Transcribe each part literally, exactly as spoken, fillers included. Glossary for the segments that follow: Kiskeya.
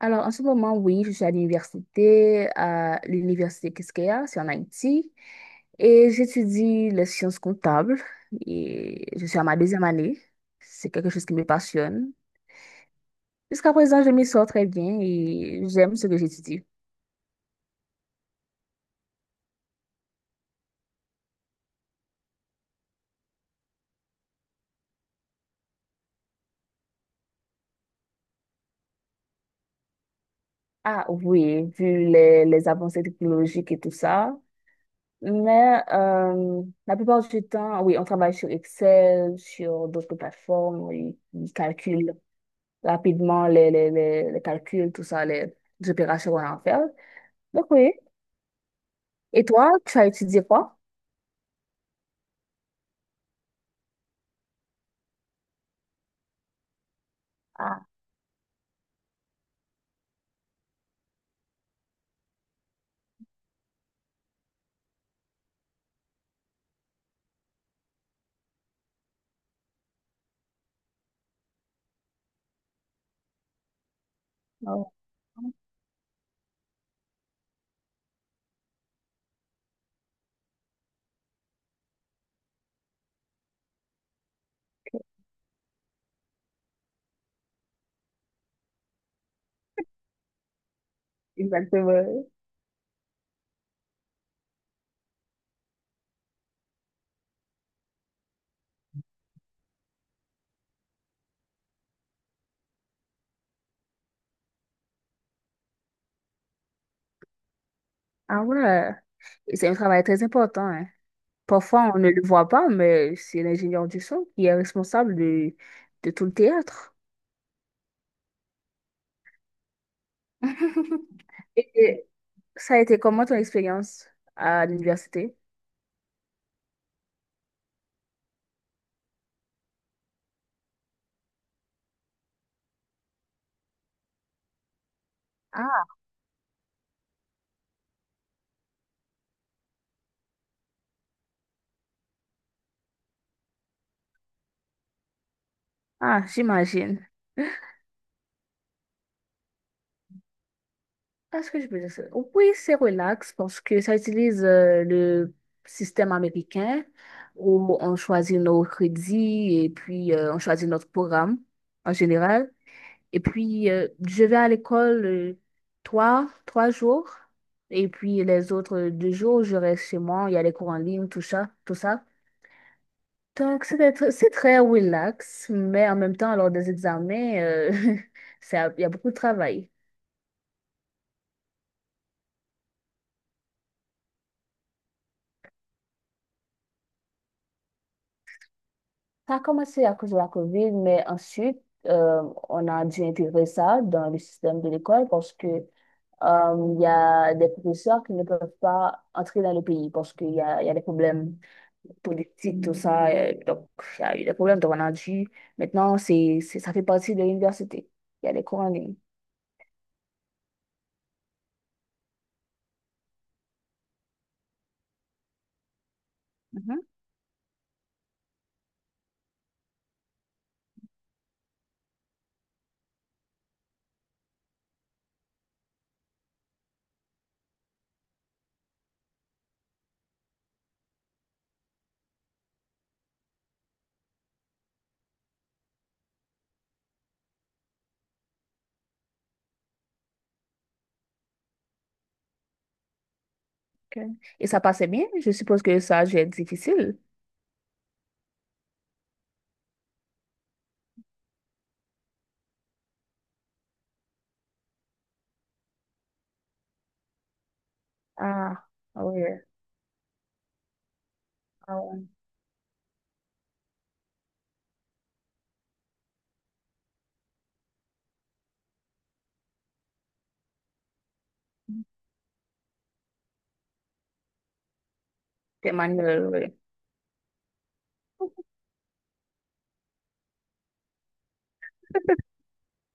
Alors, en ce moment, oui, je suis à l'université, à l'université Kiskeya, c'est en Haïti, et j'étudie les sciences comptables, et je suis à ma deuxième année. C'est quelque chose qui me passionne. Jusqu'à présent, je m'y sors très bien et j'aime ce que j'étudie. Ah oui, vu les, les avancées technologiques et tout ça. Mais euh, la plupart du temps, oui, on travaille sur Excel, sur d'autres plateformes, oui, on calcule rapidement les, les, les, les calculs, tout ça, les, les opérations qu'on a à faire. Donc oui. Et toi, tu as étudié quoi? Ah, non, exactement. Ah ouais, et c'est un travail très important, hein. Parfois, on ne le voit pas, mais c'est l'ingénieur du son qui est responsable de, de tout le théâtre. Et et ça a été comment ton expérience à l'université? Ah, ah, j'imagine. Est ce que je peux dire, c'est... oui, c'est relax parce que ça utilise euh, le système américain où on choisit nos crédits et puis euh, on choisit notre programme en général. Et puis, euh, je vais à l'école euh, trois, trois jours et puis les autres euh, deux jours, je reste chez moi. Il y a les cours en ligne, tout ça, tout ça. Donc, c'est très, c'est très relax, mais en même temps, lors des examens, euh, ça... il y a beaucoup de travail. Ça a commencé à cause de la COVID, mais ensuite, euh, on a dû intégrer ça dans le système de l'école parce que euh, il y a des professeurs qui ne peuvent pas entrer dans le pays parce qu'il y a, il y a des problèmes politiques, tout ça. Euh, donc, il y a eu des problèmes, donc on a dû. Maintenant, c'est, c'est- ça fait partie de l'université. Il y a des cours en ligne. Mhm, ok. Et ça passait bien? Je suppose que ça a dû être difficile. Ah, oui. Ah, ouais. Des manuels, oui.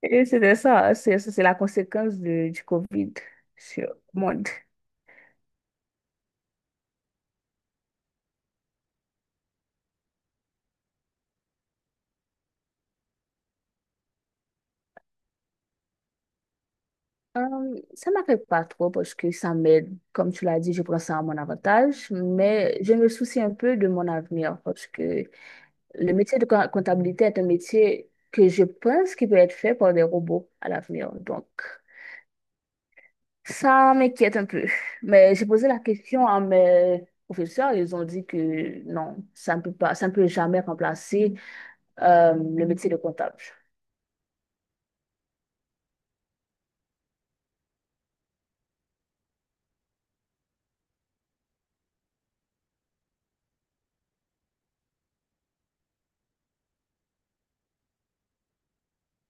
Et c'était ça, c'est ça, c'est la conséquence de... du Covid sur le monde. Euh, ça m'affecte pas trop parce que ça m'aide, comme tu l'as dit, je prends ça à mon avantage, mais je me soucie un peu de mon avenir parce que le métier de co- comptabilité est un métier que je pense qui peut être fait par des robots à l'avenir. Donc, ça m'inquiète un peu. Mais j'ai posé la question à mes professeurs, ils ont dit que non, ça ne peut pas, ça ne peut jamais remplacer euh, le métier de comptable.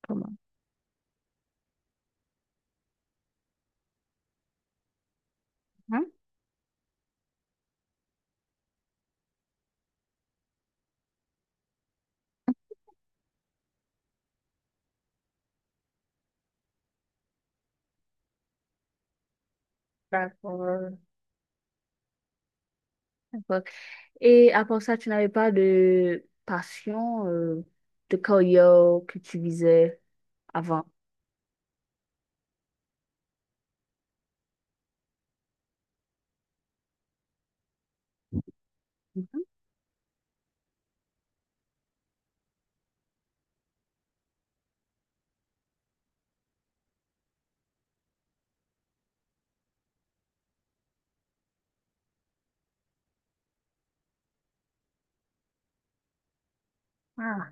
Comment? D'accord. D'accord. Et à part ça, tu n'avais pas de passion, euh, de carrière que tu visais avant. Mhm. Ah,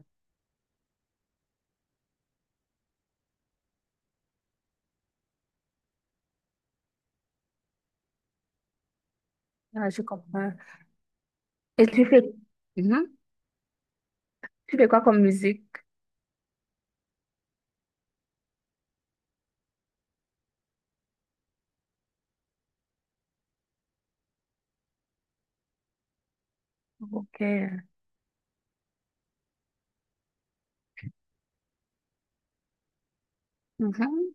ah, je comprends. Et tu fais, Mhm. Tu fais quoi comme musique? Ok. Mhm.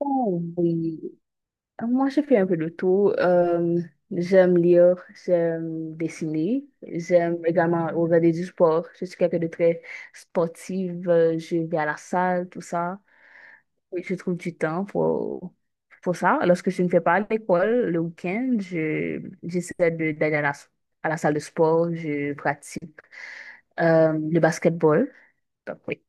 Oh, oui. Moi, je fais un peu de tout. Euh, j'aime lire, j'aime dessiner, j'aime également regarder du sport. Je suis quelqu'un de très sportive. euh, Je vais à la salle, tout ça. Oui, je trouve du temps pour, pour ça. Lorsque je ne fais pas à l'école, le week-end, je, j'essaie de- d'aller à la, à la salle de sport, je pratique euh, le basketball. Donc, oui.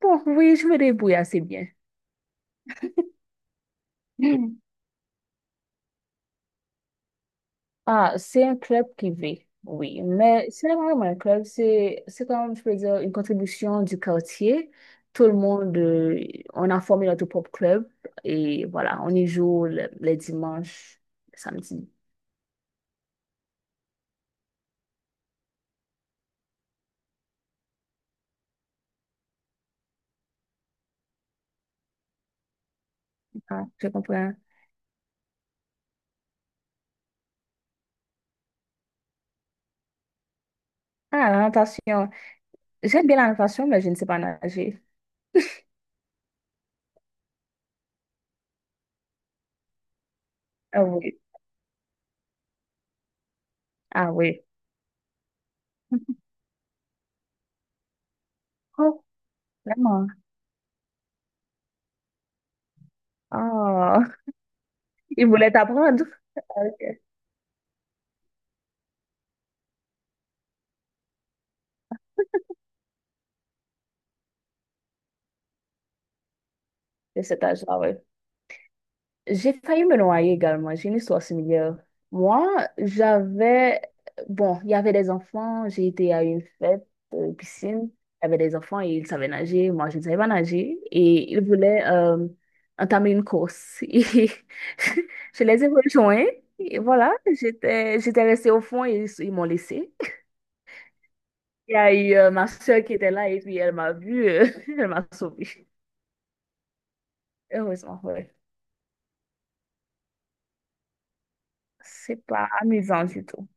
Bon, oui, je me débrouille assez bien. Mhm. Ah, c'est un club privé, oui, mais ce n'est pas vraiment un club, c'est, c'est comme, je peux dire, une contribution du quartier. Tout le monde, euh, on a formé notre propre club et voilà, on y joue le- les dimanches, les samedis. Ah, je comprends. Ah, la natation. J'aime bien la natation, mais je ne sais pas nager. Ah oui. Ah oui. Oh, vraiment. Ah, il voulait t'apprendre. Ah, ok. De cet âge-là, oui. J'ai failli me noyer également. J'ai une histoire similaire. Moi, j'avais... Bon, il y avait des enfants. J'ai été à une fête, euh, piscine. Il y avait des enfants et ils savaient nager. Moi, je ne savais pas nager. Et ils voulaient euh, entamer une course. Et je les ai rejoints. Et voilà, j'étais j'étais restée au fond et ils, ils m'ont laissée. Il y a eu euh, ma soeur qui était là et puis elle m'a vue. euh, elle m'a sauvée. Heureusement, ouais. C'est pas amusant du tout.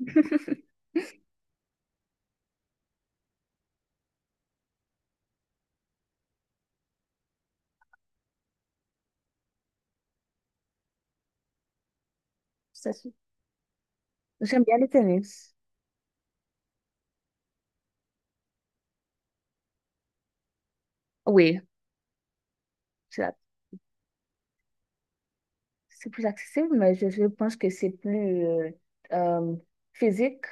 C'est... j'aime bien le tennis. Oui, c'est la... c'est plus accessible, mais je, je pense que c'est plus euh, euh, physique.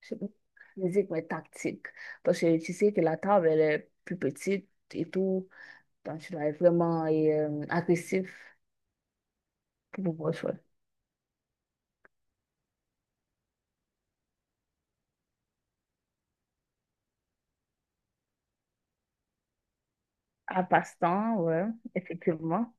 Je sais pas, physique, mais tactique. Parce que tu sais que la table, elle est plus petite et tout. Donc, tu dois être vraiment euh, agressif pour pouvoir jouer. À passe-temps, ouais, effectivement.